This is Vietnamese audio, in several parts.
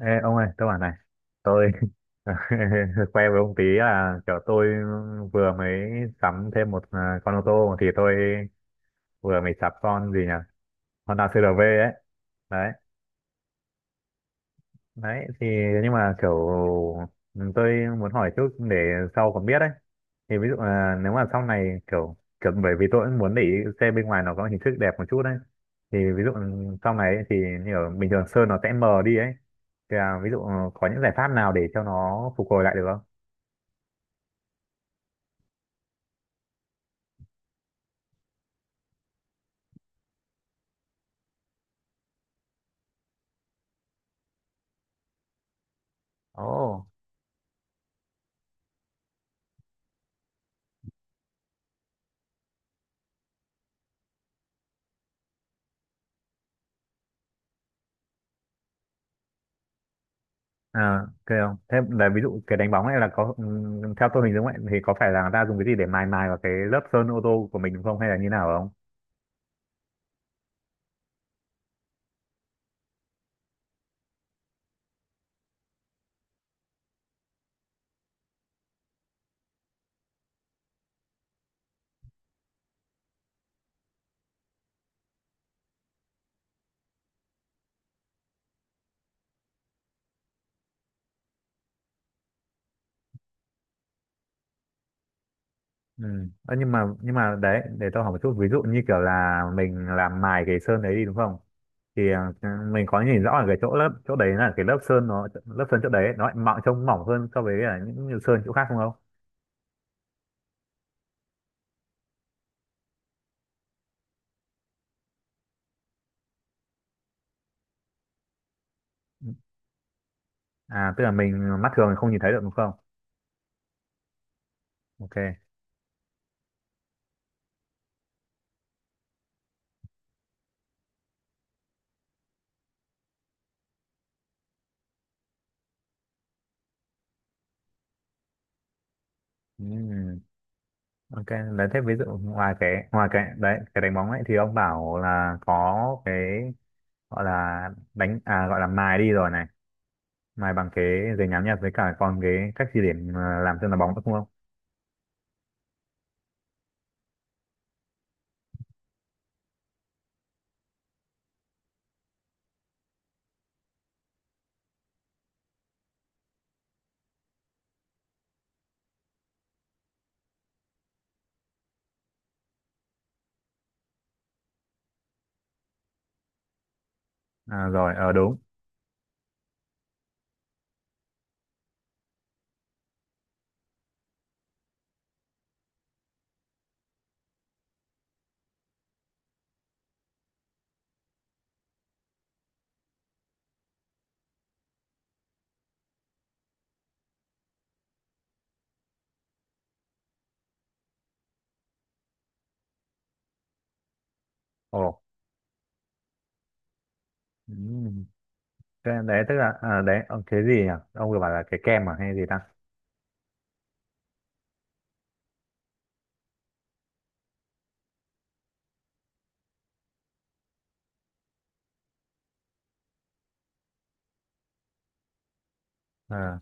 Ê, ông ơi, tôi bảo này, tôi khoe với ông tí là kiểu tôi vừa mới sắm thêm con ô tô thì tôi vừa mới sắm con gì nhỉ? Honda CR-V ấy. Đấy, đấy, thì nhưng mà kiểu tôi muốn hỏi chút để sau còn biết ấy. Thì ví dụ là nếu mà sau này kiểu kiểu bởi vì tôi cũng muốn để ý xe bên ngoài nó có hình thức đẹp một chút đấy. Thì ví dụ sau này ấy, thì như ở bình thường sơn nó sẽ mờ đi ấy. Thì ví dụ có những giải pháp nào để cho nó phục hồi lại được không? Ồ. À, ok không? Thế là ví dụ cái đánh bóng này là có theo tôi hình dung ấy thì có phải là người ta dùng cái gì để mài mài vào cái lớp sơn ô tô của mình đúng không hay là như nào không? Ừ. Ơ, nhưng mà đấy để tôi hỏi một chút ví dụ như kiểu là mình làm mài cái sơn đấy đi đúng không? Thì mình có nhìn rõ ở cái chỗ lớp chỗ đấy là cái lớp sơn nó lớp sơn chỗ đấy nó lại mỏng trông mỏng hơn so với là những sơn chỗ khác không không? Ừ. À tức là mình mắt thường không nhìn thấy được đúng không? Ok. Ừ. Ok, đấy thế ví dụ ngoài cái đấy cái đánh bóng ấy thì ông bảo là có cái gọi là đánh gọi là mài đi rồi này, mài bằng cái giấy nhám nhật với cả còn cái cách di điểm làm chân là bóng nữa đúng không? À, rồi ờ đúng. Ồ. Ừm. Thế đấy tức là đấy ông cái gì nhỉ? Ông vừa bảo là cái kem à hay gì ta? Ờ.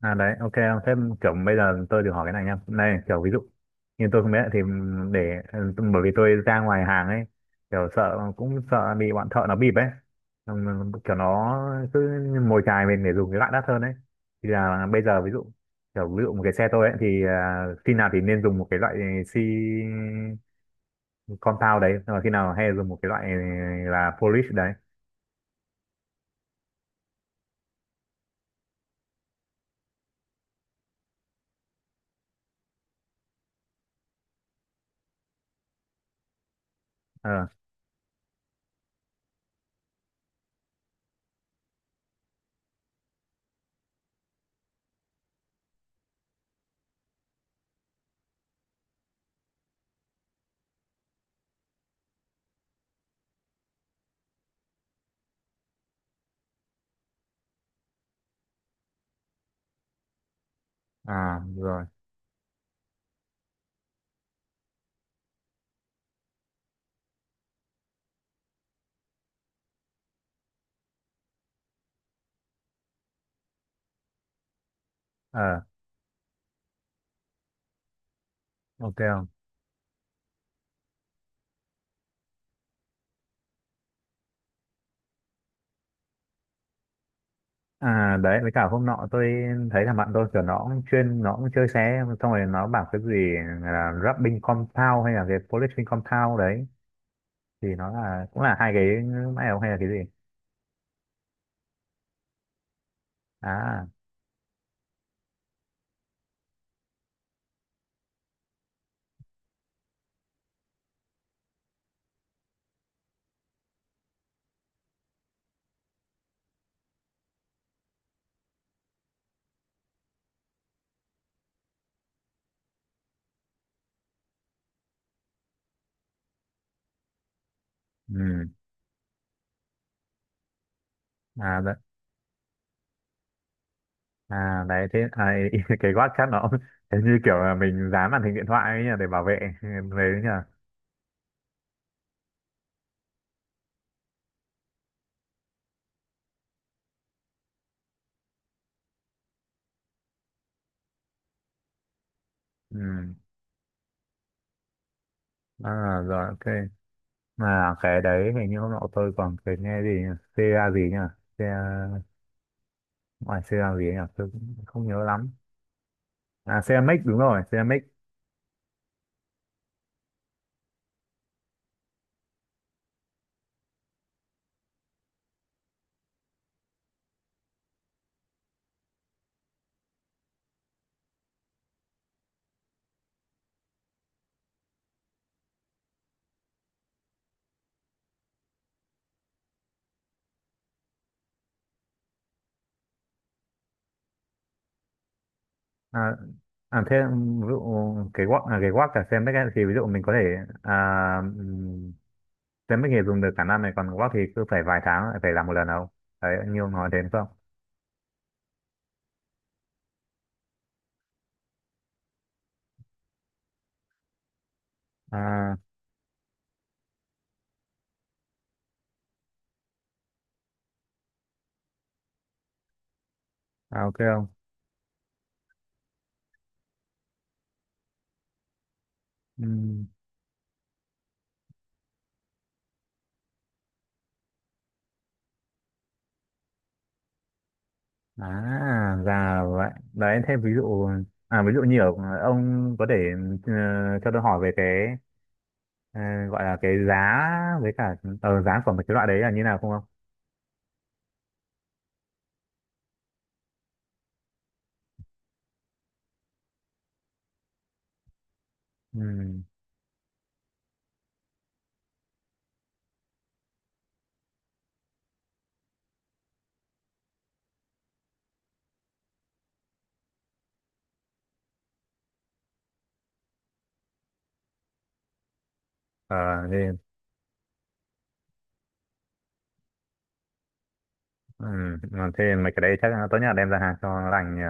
À đấy, ok em. Thế kiểu bây giờ tôi được hỏi cái này nha. Này, kiểu ví dụ như tôi không biết thì để bởi vì tôi ra ngoài hàng ấy, kiểu sợ cũng sợ bị bọn thợ nó bịp ấy. Xong kiểu nó cứ mồi chài mình để dùng cái loại đắt hơn ấy. Thì là bây giờ ví dụ một cái xe tôi ấy thì khi nào thì nên dùng một cái loại xi compound đấy, rồi khi nào hay dùng một cái loại là polish đấy. Ờ, à rồi. Ờ, ok. À đấy với cả hôm nọ tôi thấy là bạn tôi kiểu nó cũng chuyên nó cũng chơi xe xong rồi nó bảo cái gì là rubbing compound hay là cái polishing compound đấy thì nó là cũng là hai cái máy không hay là cái gì. À. Ừ. À đấy. À đấy thế à, cái quát chat nó cũng- thế như kiểu là mình dán màn hình điện thoại ấy nhỉ để bảo vệ về đấy nhỉ. Ừ. À, rồi ok. Mà cái đấy hình như hôm nọ tôi còn cái nghe gì nhỉ? CA gì nhỉ, CA, ngoài CA gì nhỉ tôi cũng không nhớ lắm. À ceramic đúng rồi ceramic. À, à thế ví dụ cái guốc à, cái guốc cả ceramic ấy, thì ví dụ mình có thể à, ừm, ceramic thì dùng được cả năm này còn guốc thì cứ phải vài tháng lại phải làm một lần đâu, đấy như ông nói thế đúng không? À, à ok không. Ừm. À ra vậy đấy thế ví dụ ví dụ như ở, ông có thể ờ, cho tôi hỏi về cái ờ, gọi là cái giá với cả giá của một cái loại đấy là như nào không không. Ừm. Ờ, thì ừ, mà thế mấy cái đấy chắc là tốt nhất là đem ra hàng cho nó lành nhỉ.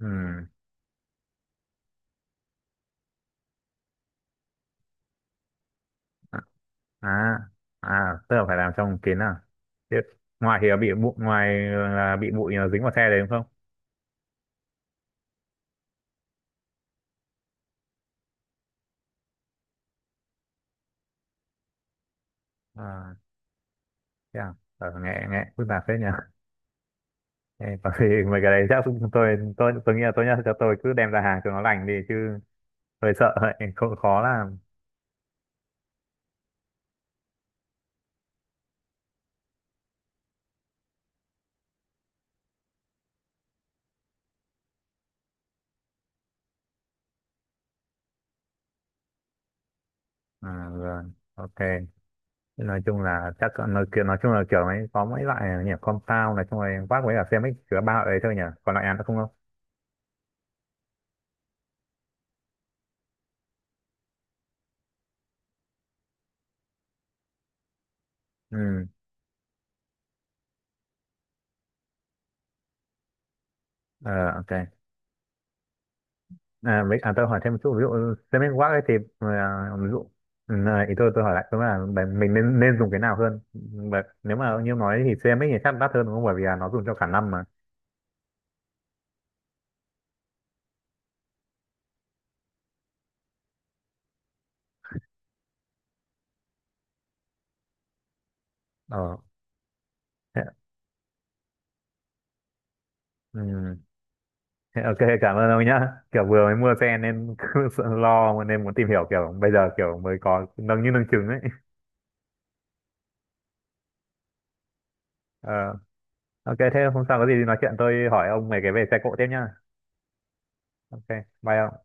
Ừ. À, à, à, tức là phải làm trong kín à. Thế ngoài thì là bị bụi, ngoài là bị bụi nó dính vào xe đấy đúng không? À, thế à? Ờ, nghe nghe phức tạp phết nhỉ. Ê, có khi mấy cái đấy chắc chúng tôi tôi nghĩ là tốt nhất là cho tôi cứ đem ra hàng cho nó lành đi chứ hơi sợ hơi khó, khó làm. À, rồi. Ok. Nói chung là chắc nói, kiểu- nói chung là kiểu mấy có mấy loại nhỉ, compound này chung rồi quát với cả CMX chứa ba loại đấy thôi nhỉ còn lại ăn nữa không không. Ừ. Ờ, ok. À, với, tôi hỏi thêm một chút ví dụ streaming work ấy thì ví dụ ừ, ý tôi hỏi lại tôi là bạn- mình nên nên dùng cái nào hơn. Và nếu mà như nói thì streaming thì chắc đắt hơn đúng không bởi vì là nó dùng cho cả năm mà. Ờ thế, ừ, thế ok cảm ơn ông nhá kiểu vừa mới mua xe nên cứ sợ lo nên muốn tìm hiểu kiểu bây giờ kiểu mới có nâng như nâng trứng ấy. Ờ, ok thế hôm sau có gì thì nói chuyện tôi hỏi ông về cái về xe cộ tiếp nhá. Ok, bye ông.